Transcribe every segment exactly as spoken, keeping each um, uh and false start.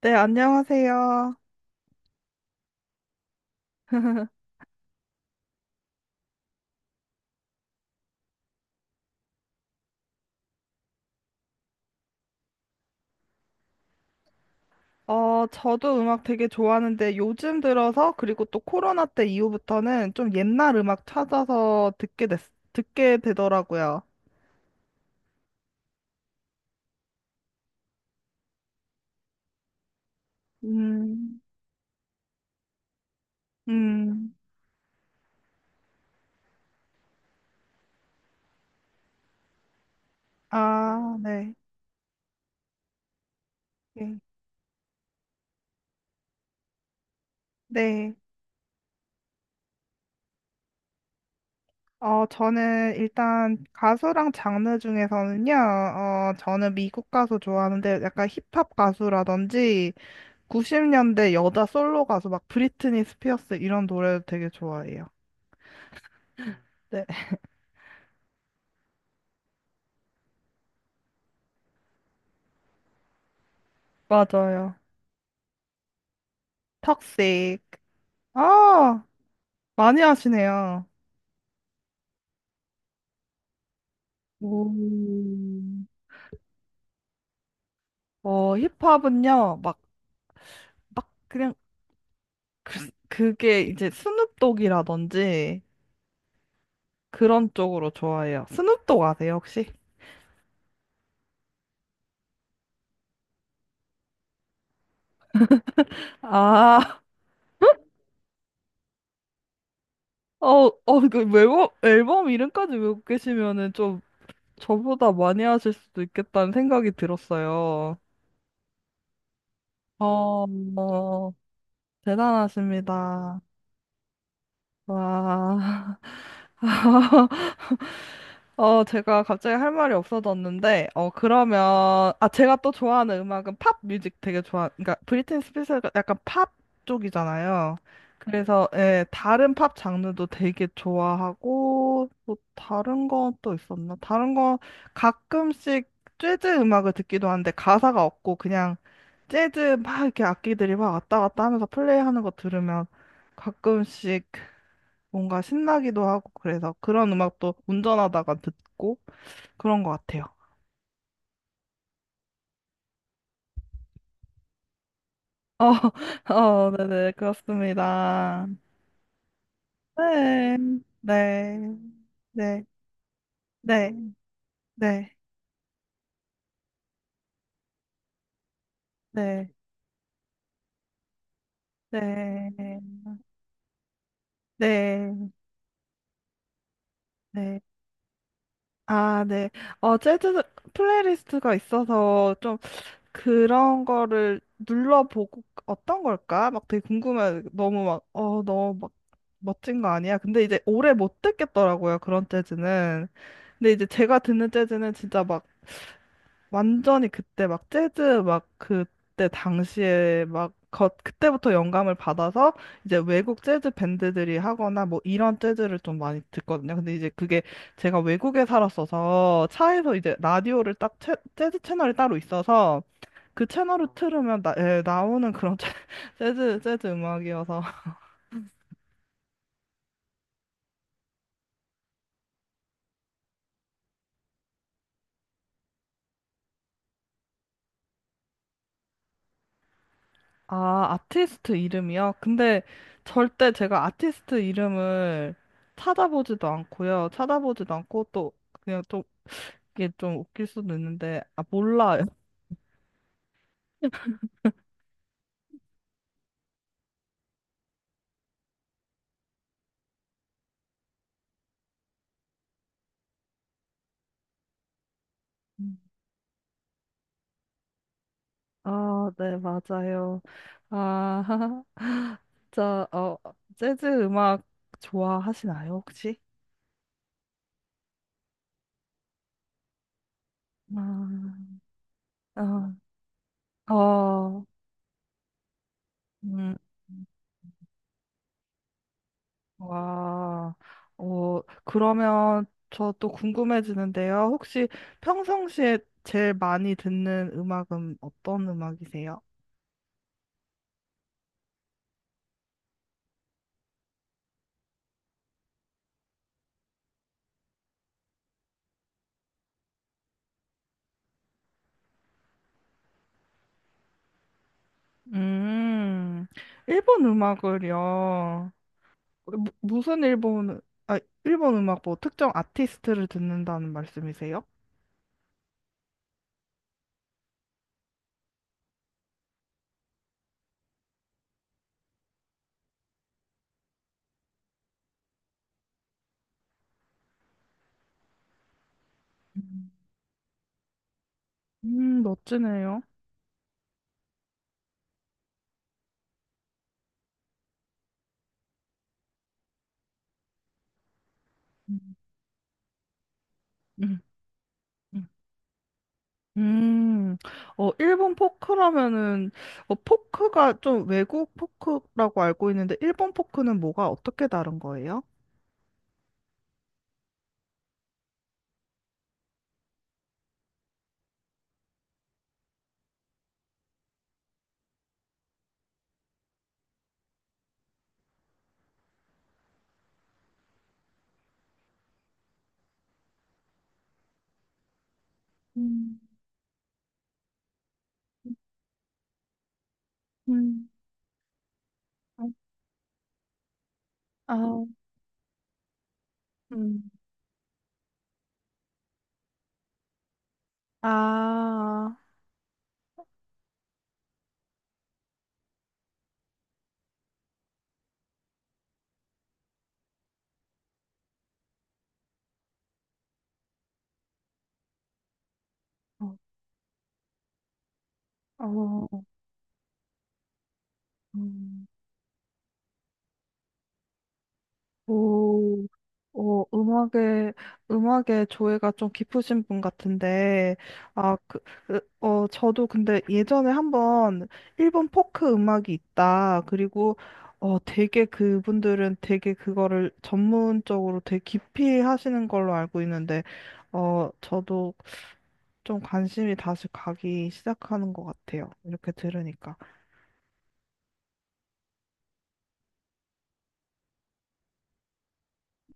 네, 안녕하세요. 어, 저도 음악 되게 좋아하는데 요즘 들어서 그리고 또 코로나 때 이후부터는 좀 옛날 음악 찾아서 듣게 됐, 듣게 되더라고요. 음, 음, 아, 네. 네. 네. 어, 저는 일단 가수랑 장르 중에서는요, 어, 저는 미국 가수 좋아하는데 약간 힙합 가수라든지 구십 년대 여자 솔로 가수 막 브리트니 스피어스 이런 노래도 되게 좋아해요. 네, 맞아요. 턱색. 아, 많이 하시네요. 음. 어, 힙합은요, 막, 막, 그냥, 그, 그게 이제 스눕독이라든지 그런 쪽으로 좋아해요. 스눕독 아세요, 혹시? 아, 어, 어, 그 앨범, 앨범 이름까지 외우고 계시면은 좀 저보다 많이 하실 수도 있겠다는 생각이 들었어요. 어, 어, 대단하십니다. 와. 어, 제가 갑자기 할 말이 없어졌는데, 어, 그러면, 아, 제가 또 좋아하는 음악은 팝 뮤직 되게 좋아, 그러니까 브리트니 스피어스가 약간 팝 쪽이잖아요. 그래서, 예, 다른 팝 장르도 되게 좋아하고, 뭐, 다른 건 또 있었나? 다른 건 가끔씩 재즈 음악을 듣기도 하는데, 가사가 없고, 그냥 재즈 막 이렇게 악기들이 막 왔다 갔다 하면서 플레이하는 거 들으면 가끔씩 뭔가 신나기도 하고 그래서 그런 음악도 운전하다가 듣고 그런 것 같아요. 어, 어, 네네, 그렇습니다. 네, 네, 네, 네, 네, 네, 네, 네, 네. 네. 아, 네. 어, 재즈 플레이리스트가 있어서 좀 그런 거를 눌러보고 어떤 걸까? 막 되게 궁금해. 너무 막, 어, 너무 막 멋진 거 아니야? 근데 이제 오래 못 듣겠더라고요, 그런 재즈는. 근데 이제 제가 듣는 재즈는 진짜 막 완전히 그때 막 재즈 막 그때 당시에 막 거, 그때부터 영감을 받아서 이제 외국 재즈 밴드들이 하거나 뭐 이런 재즈를 좀 많이 듣거든요. 근데 이제 그게 제가 외국에 살았어서 차에서 이제 라디오를 딱 채, 재즈 채널이 따로 있어서 그 채널을 틀으면 나, 예, 나오는 그런 재즈 재즈 음악이어서 아, 아티스트 이름이요? 근데 절대 제가 아티스트 이름을 찾아보지도 않고요. 찾아보지도 않고 또 그냥 좀 이게 좀 웃길 수도 있는데 아, 몰라요. 아, 네, 맞아요. 아, 진짜 어, 재즈 음악 좋아하시나요, 혹시? 아, 아, 어, 음. 와, 어, 그러면 저 또 궁금해지는데요. 혹시 평상시에 제일 많이 듣는 음악은 어떤 음악이세요? 음, 일본 음악을요? 어, 무- 무슨 일본, 아, 일본 음악 뭐 특정 아티스트를 듣는다는 말씀이세요? 음, 음, 멋지네요. 음. 음. 음, 어, 일본 포크라면은, 어, 포크가 좀 외국 포크라고 알고 있는데, 일본 포크는 뭐가 어떻게 다른 거예요? 음, 음, 아, 음, 아, 어, 어, 음. 오, 어, 음악에, 음악에 조예가 좀 깊으신 분 같은데, 아, 그, 으, 어, 저도 근데 예전에 한번 일본 포크 음악이 있다. 그리고, 어, 되게 그분들은 되게 그거를 전문적으로 되게 깊이 하시는 걸로 알고 있는데, 어, 저도 좀 관심이 다시 가기 시작하는 것 같아요. 이렇게 들으니까.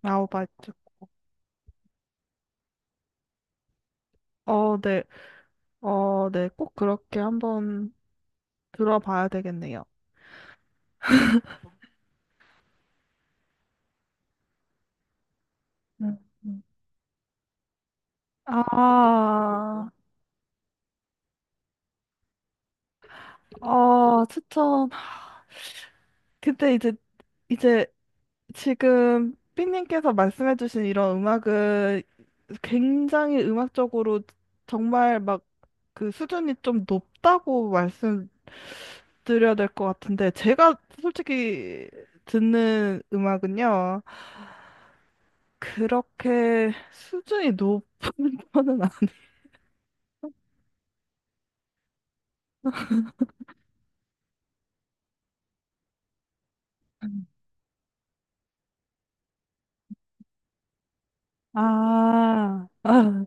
아우바이트. 어, 네. 어, 네. 꼭 그렇게 한번 들어봐야 되겠네요. 음, 음. 아, 어, 추천. 근데 이제, 이제 지금 삐님께서 말씀해주신 이런 음악은 굉장히 음악적으로 정말 막 그 수준이 좀 높다고 말씀드려야 될 것 같은데, 제가 솔직히 듣는 음악은요, 그렇게 수준이 높은 편은 아니에요. 아, 아,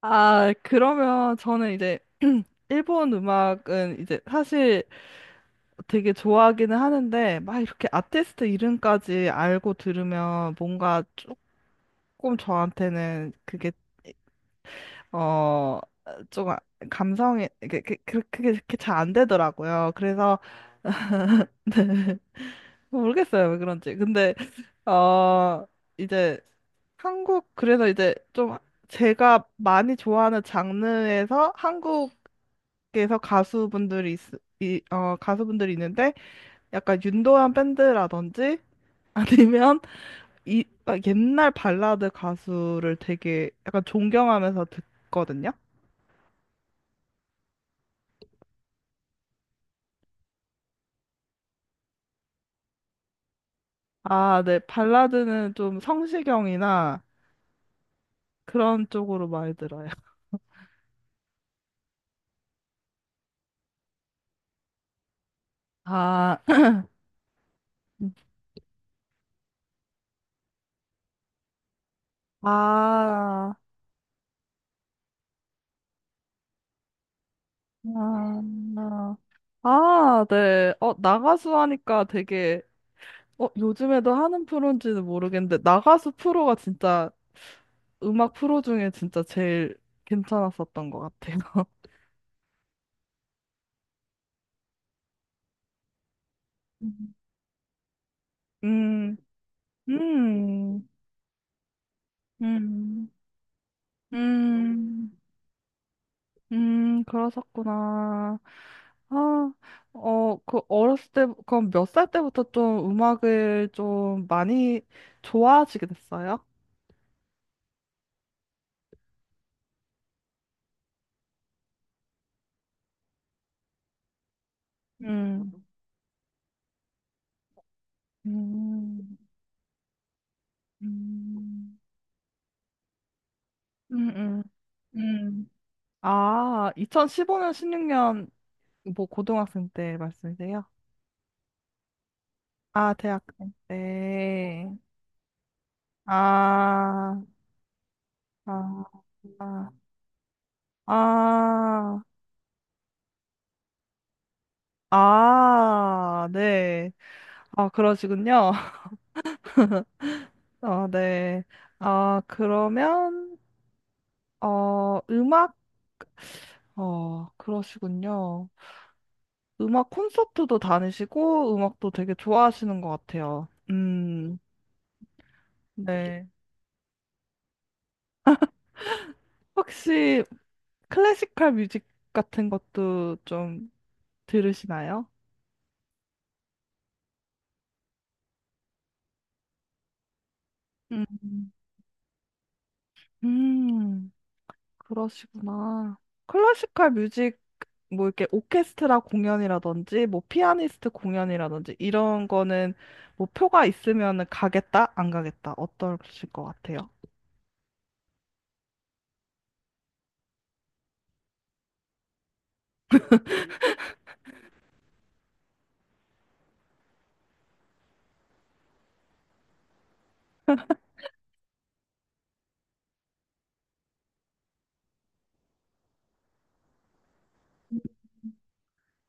아, 그러면 저는 이제 일본 음악은 이제 사실 되게 좋아하기는 하는데 막 이렇게 아티스트 이름까지 알고 들으면 뭔가 조금 저한테는 그게 어 조금 감성이 게 그- 그- 그게 그게 잘 안 되더라고요. 그래서 모르겠어요 왜 그런지. 근데 어 이제 한국 그래서 이제 좀 제가 많이 좋아하는 장르에서 그래서 가수분들이 있, 이, 어, 가수분들이 있는데 약간 윤도현 밴드라든지 아니면 이 아, 옛날 발라드 가수를 되게 약간 존경하면서 듣거든요. 아, 네. 발라드는 좀 성시경이나 그런 쪽으로 많이 들어요. 아, 아, 아, 아, 네. 어, 나가수 하니까 되게 어, 요즘에도 하는 프로인지는 모르겠는데, 나가수 프로가 진짜 음악 프로 중에 진짜 제일 괜찮았었던 것 같아요. 음. 음, 음, 음, 음, 음, 그러셨구나. 아, 어, 그 어렸을 때, 그럼 몇 살 때부터 좀 음악을 좀 많이 좋아하시게 됐어요? 음, 음, 음, 음, 음. 음. 아, 이천십오 년, 십육 년, 뭐, 고등학생 때 말씀이세요? 아, 대학생 때. 아, 아, 아, 아, 아, 네. 아, 그러시군요. 어, 네. 아, 그러면, 어, 음악, 어, 그러시군요. 음악 콘서트도 다니시고, 음악도 되게 좋아하시는 것 같아요. 음, 네. 혹시 클래시컬 뮤직 같은 것도 좀 들으시나요? 음. 음, 그러시구나. 클래시컬 뮤직, 뭐 이렇게 오케스트라 공연이라든지, 뭐 피아니스트 공연이라든지, 이런 거는 뭐 표가 있으면은 가겠다, 안 가겠다, 어떠실 것 같아요?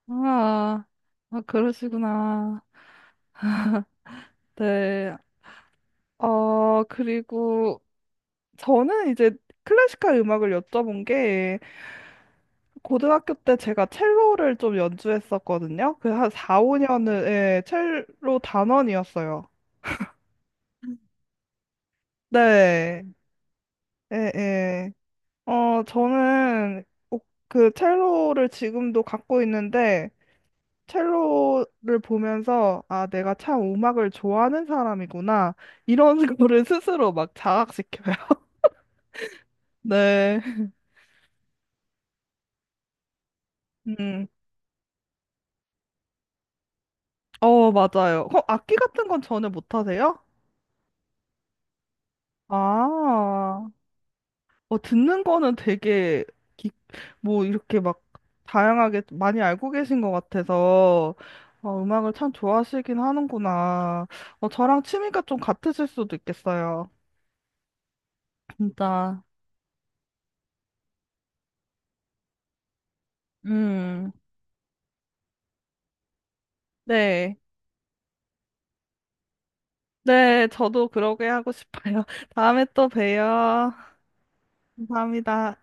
아, 아, 그러시구나. 네. 어, 그리고 저는 이제 클래시컬 음악을 여쭤본 게, 고등학교 때 제가 첼로를 좀 연주했었거든요. 그 한 사, 오 년은 예, 첼로 단원이었어요. 네. 예, 예. 어, 저는 꼭 그 첼로를 지금도 갖고 있는데 첼로를 보면서 아, 내가 참 음악을 좋아하는 사람이구나. 이런 거를 스스로 막 자각시켜요. 네. 음. 어, 맞아요. 어, 악기 같은 건 전혀 못 하세요? 아. 어, 듣는 거는 되게, 기, 뭐, 이렇게 막, 다양하게 많이 알고 계신 것 같아서, 어, 음악을 참 좋아하시긴 하는구나. 어, 저랑 취미가 좀 같으실 수도 있겠어요. 진짜. 음, 네. 네, 저도 그러게 하고 싶어요. 다음에 또 봬요. 감사합니다.